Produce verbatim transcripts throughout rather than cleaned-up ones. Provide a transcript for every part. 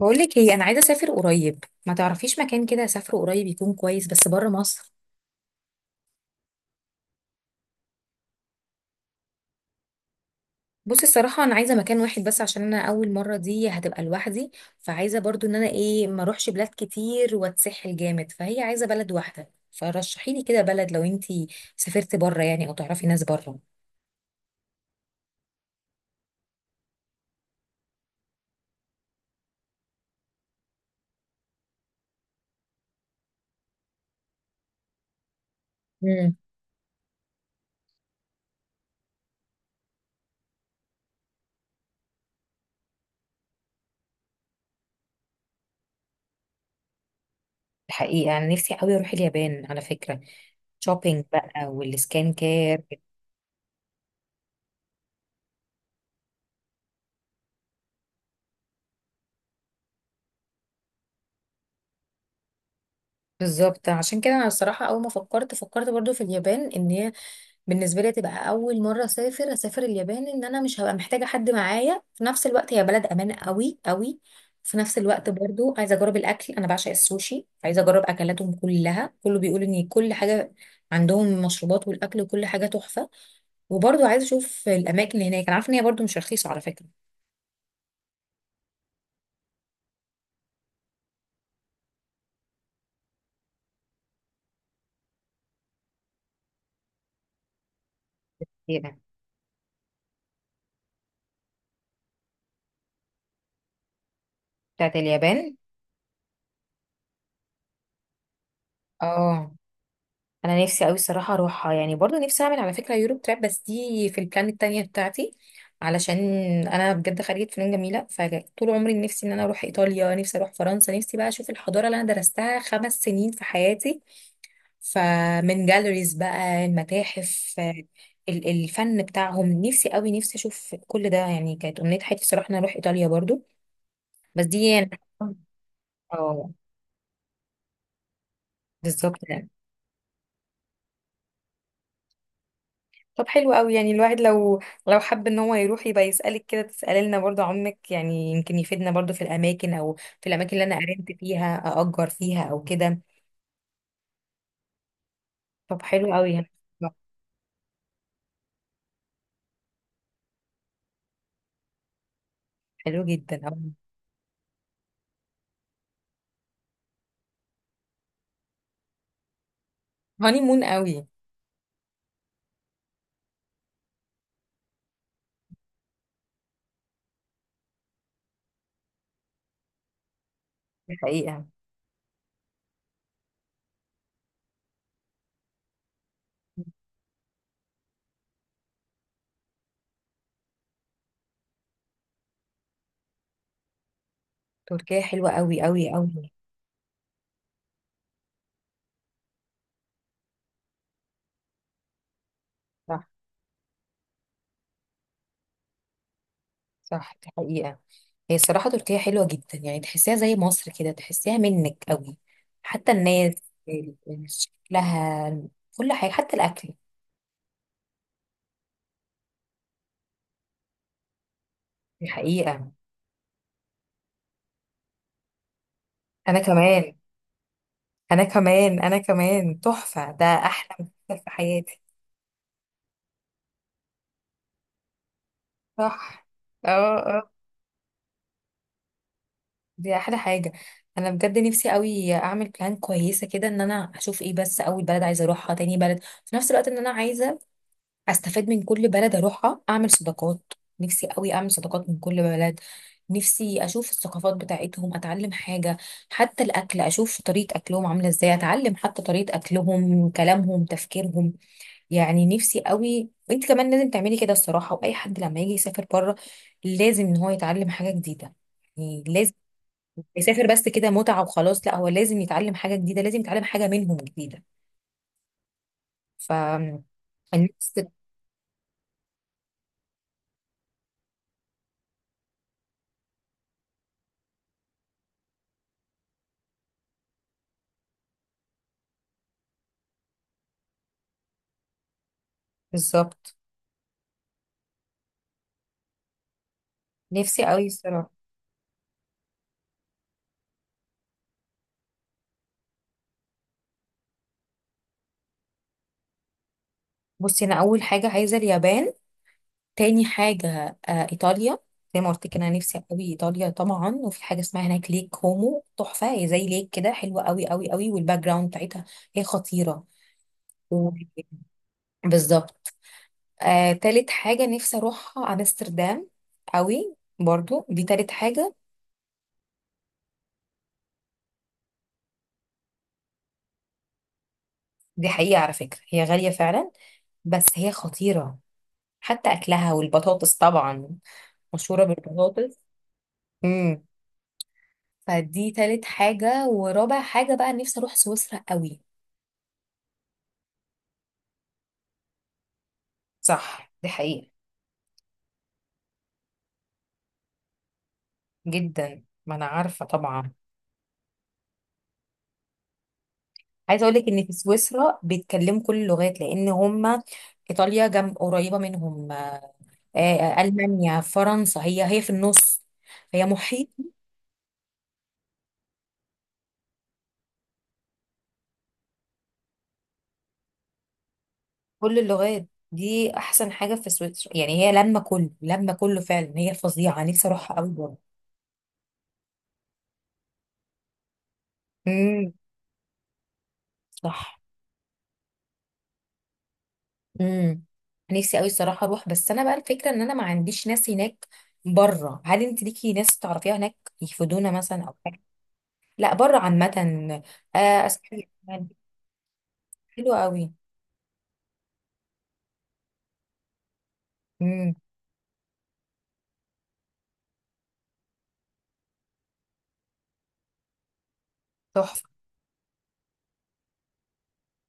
بقولك ايه، انا عايزه اسافر قريب. ما تعرفيش مكان كده اسافره قريب يكون كويس، بس بره مصر. بصي الصراحه انا عايزه مكان واحد بس، عشان انا اول مره دي هتبقى لوحدي. فعايزه برضو ان انا ايه، ما اروحش بلاد كتير واتسحل جامد، فهي عايزه بلد واحده. فرشحي لي كده بلد لو انتي سافرتي بره، يعني، او تعرفي ناس بره. امم. الحقيقه انا نفسي قوي اروح اليابان على فكره. شوبينج بقى والسكان كير. بالظبط، عشان كده انا الصراحه اول ما فكرت فكرت برضو في اليابان، ان هي بالنسبه لي تبقى اول مره اسافر اسافر اليابان، ان انا مش هبقى محتاجه حد معايا. في نفس الوقت هي بلد امان قوي قوي. في نفس الوقت برضو عايزه اجرب الاكل، انا بعشق السوشي، عايزه اجرب اكلاتهم كلها. كله بيقول ان كل حاجه عندهم، المشروبات والاكل وكل حاجه تحفه. وبرضو عايزه اشوف الاماكن اللي هناك. انا عارفه ان هي برضو مش رخيصه على فكره. كتيرة بتاعت اليابان. اه انا نفسي قوي الصراحه اروحها. يعني برضو نفسي اعمل على فكره يوروب تراب، بس دي في البلان التانية بتاعتي، علشان انا بجد خريجه فنون جميله، فطول عمري نفسي ان انا اروح ايطاليا، نفسي اروح فرنسا، نفسي بقى اشوف الحضاره اللي انا درستها خمس سنين في حياتي، فمن جاليريز بقى المتاحف، ال- الفن بتاعهم، نفسي قوي نفسي اشوف كل ده. يعني كانت امنيه حياتي الصراحه ان انا اروح ايطاليا برضو. بس دي يعني اه، بالظبط يعني. طب حلو قوي، يعني الواحد لو لو حب ان هو يروح يبقى يسألك كده، تسألي لنا برضه عمك، يعني يمكن يفيدنا برضه في الاماكن، او في الاماكن اللي انا قرنت فيها، اأجر فيها او كده. طب حلو قوي. حلو جدا قوي. هاني مون قوي. الحقيقة تركيا حلوة قوي قوي قوي. صح. صح، دي حقيقة. هي الصراحة تركيا حلوة جدا، يعني تحسيها زي مصر كده، تحسيها منك قوي. حتى الناس ال- ال- شكلها، كل حاجة حتى الأكل. الحقيقة. أنا كمان انا كمان انا كمان تحفة، ده احلى مسلسل في حياتي. صح. اه اه. دي احلى حاجة. انا بجد نفسي قوي اعمل بلان كويسة كده، ان انا اشوف ايه، بس اول بلد عايزة اروحها، تاني بلد في نفس الوقت، ان انا عايزة استفاد من كل بلد اروحها، اعمل صداقات. نفسي قوي اعمل صداقات من كل بلد. نفسي اشوف الثقافات بتاعتهم، اتعلم حاجة. حتى الاكل، اشوف طريقة اكلهم عاملة ازاي، اتعلم حتى طريقة اكلهم، كلامهم، تفكيرهم، يعني نفسي قوي. وانت كمان لازم تعملي كده الصراحه. واي حد لما يجي يسافر بره، لازم ان هو يتعلم حاجه جديده، يعني لازم يسافر بس كده متعه وخلاص، لا هو لازم يتعلم حاجه جديده، لازم يتعلم حاجه منهم جديده. ف، النفس، بالظبط. نفسي قوي الصراحه. بصي انا اول حاجه عايزه اليابان. تاني حاجه آه ايطاليا. زي ما قلت كده، انا نفسي قوي ايطاليا طبعا. وفي حاجه اسمها هناك ليك كومو، تحفه. هي زي ليك كده، حلوه قوي قوي قوي، والباك جراوند بتاعتها هي خطيره. و- بالظبط. آه، تالت حاجة نفسي أروحها أمستردام، قوي برضو، دي تالت حاجة. دي حقيقة على فكرة هي غالية فعلا، بس هي خطيرة. حتى أكلها والبطاطس طبعا، مشهورة بالبطاطس. امم. فدي تالت حاجة. ورابع حاجة بقى نفسي أروح سويسرا قوي. صح دي حقيقة. جدا، ما أنا عارفة طبعا. عايزة أقولك إن في سويسرا بيتكلموا كل اللغات، لأن هما إيطاليا جنب قريبة منهم، آه، آه، ألمانيا فرنسا، هي هي في النص، هي محيط. كل اللغات دي احسن حاجه في سويسرا. يعني هي لما كله لما كله فعلا، هي الفظيعه نفسي اروحها قوي برضه. امم. صح. امم. نفسي قوي الصراحه اروح، بس انا بقى الفكره ان انا ما عنديش ناس هناك بره. هل انت ليكي ناس تعرفيها هناك يفيدونا مثلا او حاجه؟ لا بره عامه. آه أصحابي كمان. حلو قوي. امم. تحفه.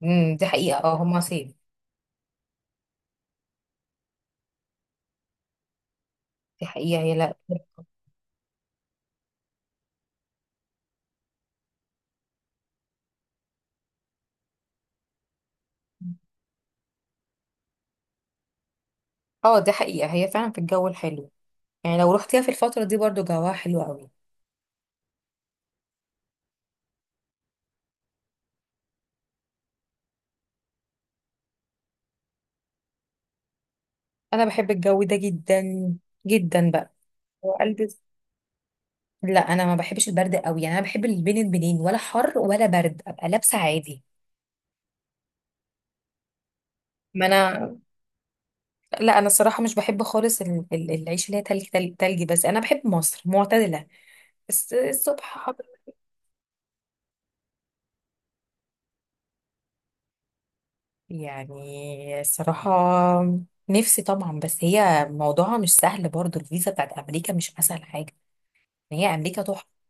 امم، دي حقيقه، اه هما صيف. دي حقيقه هي، لا. اه دي حقيقه هي فعلا في الجو الحلو. يعني لو رحتيها في الفتره دي برضو جواها حلو قوي. انا بحب الجو ده جدا جدا بقى. والبس. لا انا ما بحبش البرد قوي، يعني انا بحب اللي بين البنين، ولا حر ولا برد، ابقى لابسه عادي. ما انا، لا انا الصراحه مش بحب خالص ال... ال... العيش اللي هي تلج تلج تلج، بس انا بحب مصر معتدله. الس- الصبح حر. يعني الصراحه نفسي طبعا، بس هي موضوعها مش سهل برضو. الفيزا بتاعت امريكا مش اسهل حاجه. هي امريكا تحفه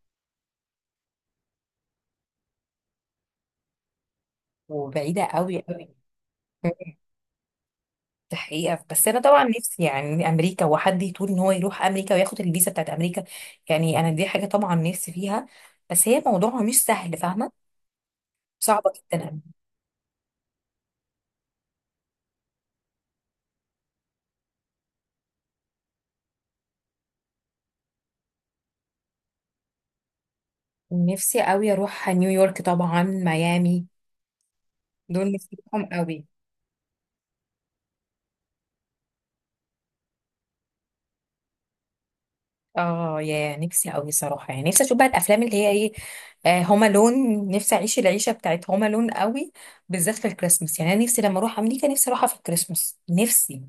وبعيده قوي قوي. دي حقيقة، بس أنا طبعا نفسي يعني أمريكا، وحد يطول إن هو يروح أمريكا وياخد الفيزا بتاعت أمريكا. يعني أنا دي حاجة طبعا نفسي فيها، بس هي موضوعها مش سهل، فاهمة. صعبة جدا. نفسي قوي اروح نيويورك طبعا، ميامي، دول نفسي اروحهم قوي. اه، يا نفسي أوي صراحة، يعني نفسي أشوف بقى الأفلام اللي هي إيه، آه، هوم ألون. نفسي أعيش العيشة بتاعت هوم ألون أوي، بالذات في الكريسماس. يعني أنا نفسي لما أروح أمريكا نفسي أروحها في الكريسماس، نفسي.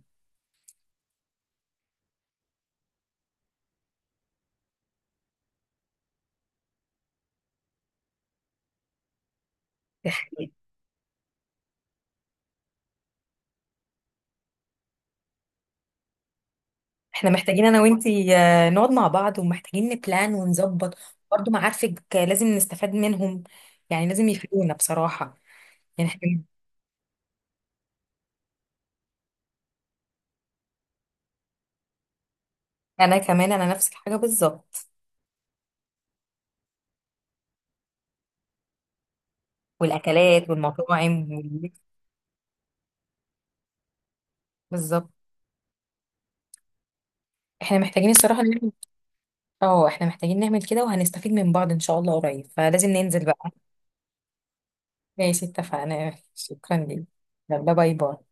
احنا محتاجين انا وانتي آه، نقعد مع بعض، ومحتاجين نبلان ونظبط. برضو معارفك آه، لازم نستفاد منهم، يعني لازم يفيدونا بصراحة. يعني احنا، انا كمان، انا نفس الحاجة بالظبط. والاكلات والمطاعم وال- بالظبط. احنا محتاجين الصراحة نعمل، اه احنا محتاجين نعمل كده، وهنستفيد من بعض ان شاء الله قريب، فلازم ننزل بقى. ماشي اتفقنا، شكرا ليك. يلا باي باي.